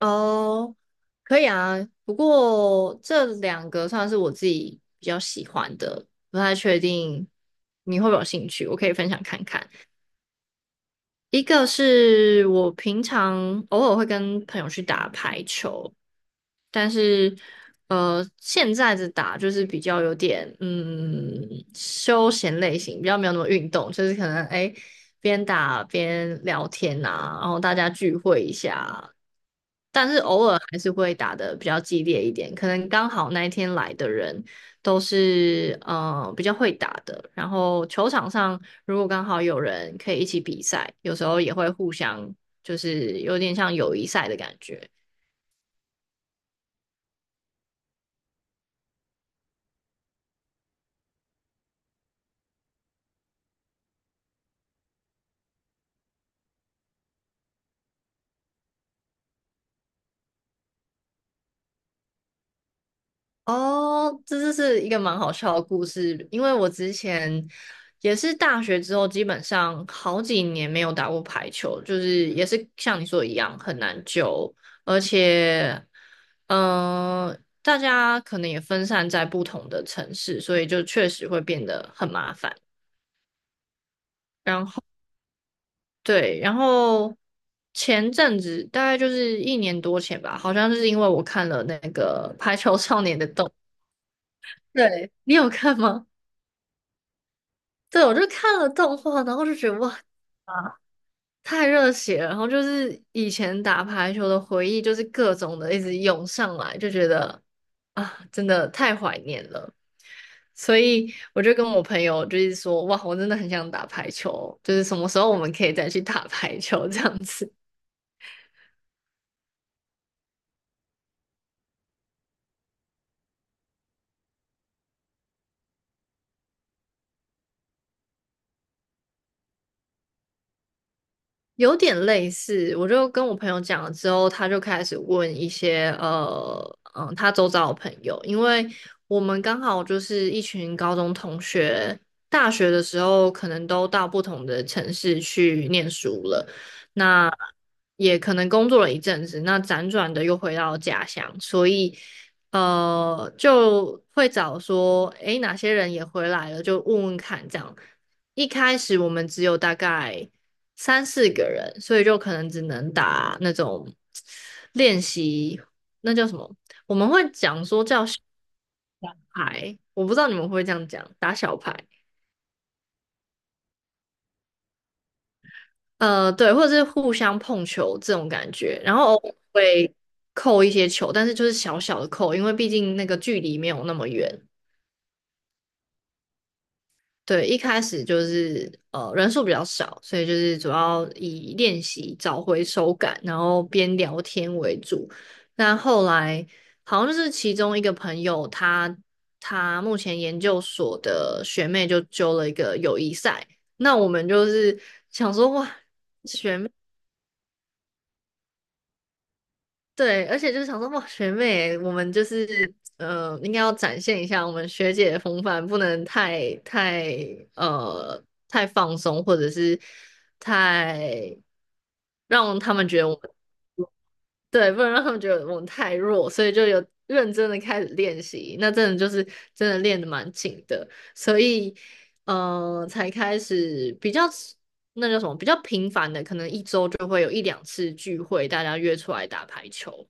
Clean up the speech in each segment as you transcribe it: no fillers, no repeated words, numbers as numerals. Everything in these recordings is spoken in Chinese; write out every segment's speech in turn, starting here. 哦，可以啊，不过这两个算是我自己比较喜欢的，不太确定你会不会有兴趣，我可以分享看看。一个是我平常偶尔会跟朋友去打排球，但是现在的打就是比较有点休闲类型，比较没有那么运动，就是可能哎边打边聊天啊，然后大家聚会一下。但是偶尔还是会打得比较激烈一点，可能刚好那一天来的人都是比较会打的，然后球场上如果刚好有人可以一起比赛，有时候也会互相就是有点像友谊赛的感觉。哦，这就是一个蛮好笑的故事，因为我之前也是大学之后，基本上好几年没有打过排球，就是也是像你说的一样很难救，而且，嗯、大家可能也分散在不同的城市，所以就确实会变得很麻烦。然后对,然后前阵子大概就是一年多前吧，好像就是因为我看了那个《排球少年》的动，对，你有看吗？对，我就看了动画，然后就觉得哇，太热血了，然后就是以前打排球的回忆，就是各种的一直涌上来，就觉得啊，真的太怀念了。所以我就跟我朋友就是说，哇，我真的很想打排球，就是什么时候我们可以再去打排球这样子。有点类似，我就跟我朋友讲了之后，他就开始问一些他周遭的朋友，因为我们刚好就是一群高中同学，大学的时候可能都到不同的城市去念书了，那也可能工作了一阵子，那辗转的又回到家乡，所以就会找说，诶，哪些人也回来了，就问问看这样。一开始我们只有大概三四个人，所以就可能只能打那种练习，那叫什么？我们会讲说叫小牌，我不知道你们会不会这样讲，打小牌。对，或者是互相碰球这种感觉，然后偶尔会扣一些球，但是就是小小的扣，因为毕竟那个距离没有那么远。对，一开始就是人数比较少，所以就是主要以练习找回手感，然后边聊天为主。那后来好像就是其中一个朋友他，他目前研究所的学妹就揪了一个友谊赛，那我们就是想说哇，学妹。对，而且就是想说，哇，学妹，我们就是应该要展现一下我们学姐的风范，不能太呃太放松，或者是太让他们觉得我们对，不能让他们觉得我们太弱，所以就有认真的开始练习。那真的就是真的练的蛮紧的，所以才开始比较那叫什么比较频繁的，可能一周就会有一两次聚会，大家约出来打排球。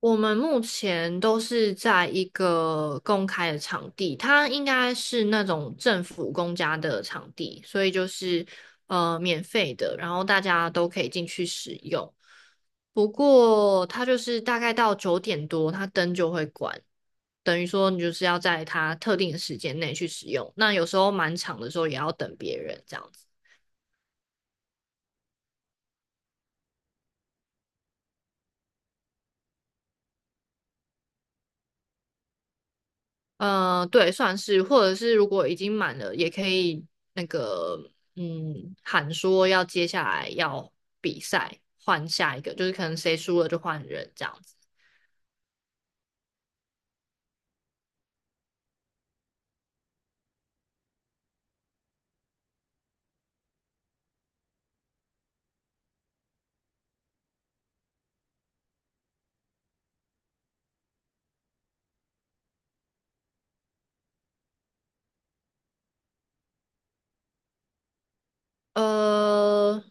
我们目前都是在一个公开的场地，它应该是那种政府公家的场地，所以就是免费的，然后大家都可以进去使用。不过它就是大概到九点多，它灯就会关，等于说你就是要在它特定的时间内去使用。那有时候蛮长的时候也要等别人这样子。嗯、对，算是，或者是如果已经满了，也可以那个，嗯，喊说要接下来要比赛，换下一个，就是可能谁输了就换人这样子。呃，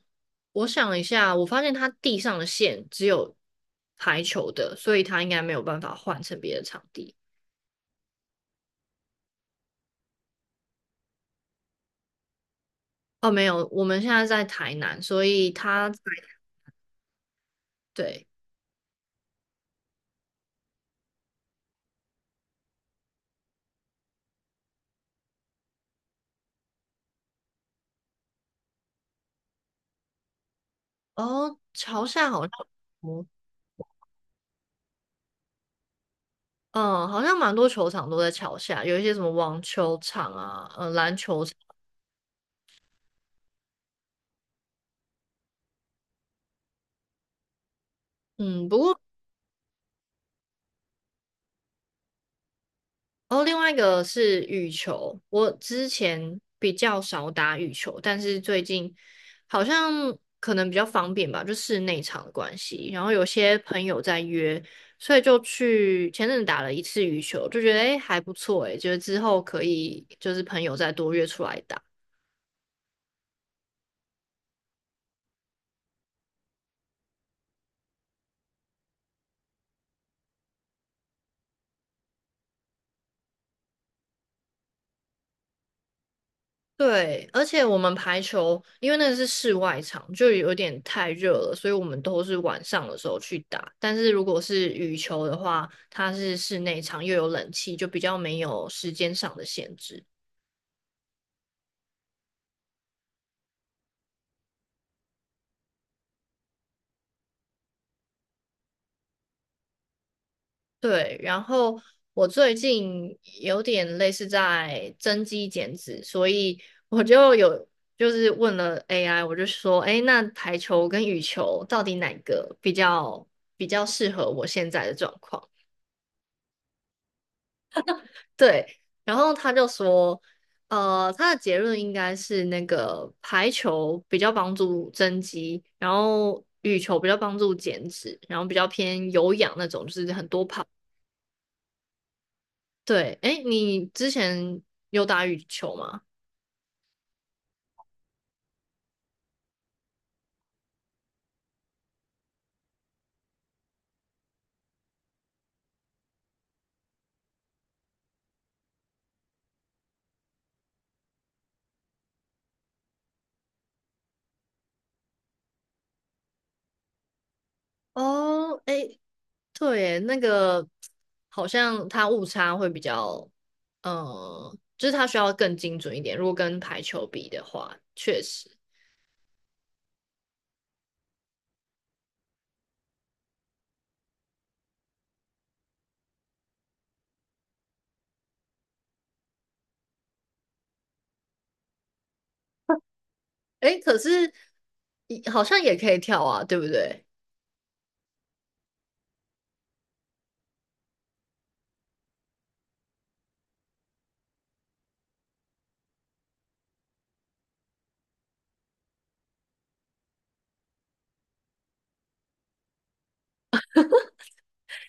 我想一下，我发现他地上的线只有排球的，所以他应该没有办法换成别的场地。哦，没有，我们现在在台南，所以他在对哦，潮汕好像。嗯，好像蛮多球场都在桥下，有一些什么网球场啊，篮球场，嗯，不过哦，另外一个是羽球，我之前比较少打羽球，但是最近好像可能比较方便吧，就室内场的关系，然后有些朋友在约，所以就去前阵子打了一次羽球，就觉得诶还不错诶，觉得之后可以就是朋友再多约出来打。对，而且我们排球，因为那个是室外场，就有点太热了，所以我们都是晚上的时候去打。但是如果是羽球的话，它是室内场，又有冷气，就比较没有时间上的限制。对，然后我最近有点类似在增肌减脂，所以我就有就是问了 AI，我就说，哎，那排球跟羽球到底哪个比较适合我现在的状况？对，然后他就说，他的结论应该是那个排球比较帮助增肌，然后羽球比较帮助减脂，然后比较偏有氧那种，就是很多跑。对，哎，你之前有打羽球吗？哦，哎，对耶，那个好像它误差会比较，就是它需要更精准一点。如果跟排球比的话，确实，哎，可是好像也可以跳啊，对不对？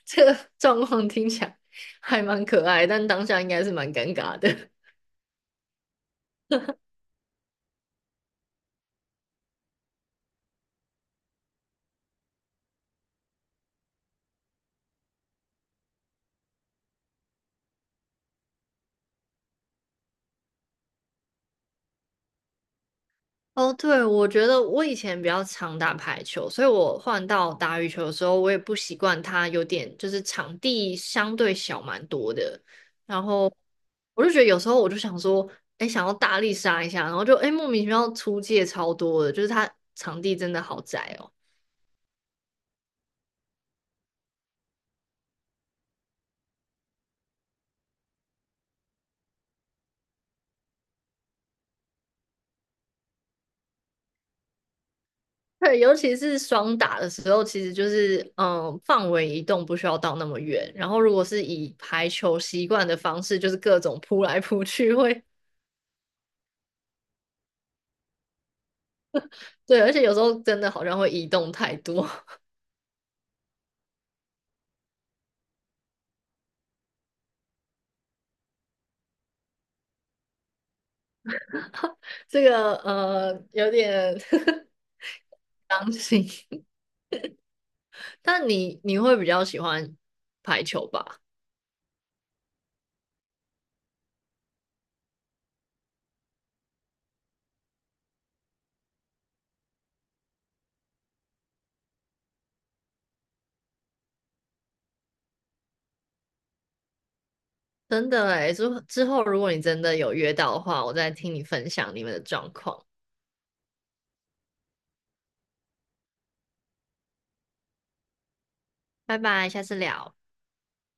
这个 状况听起来还蛮可爱，但当下应该是蛮尴尬的。哦，对，我觉得我以前比较常打排球，所以我换到打羽球的时候，我也不习惯它有点就是场地相对小蛮多的，然后我就觉得有时候我就想说，哎，想要大力杀一下，然后就哎莫名其妙出界超多的，就是它场地真的好窄哦。对，尤其是双打的时候，其实就是嗯，范围移动不需要到那么远。然后，如果是以排球习惯的方式，就是各种扑来扑去会，对，而且有时候真的好像会移动太多，这个有点 伤心。但你会比较喜欢排，真的诶，之后如果你真的有约到的话，我再听你分享你们的状况。拜拜，下次聊。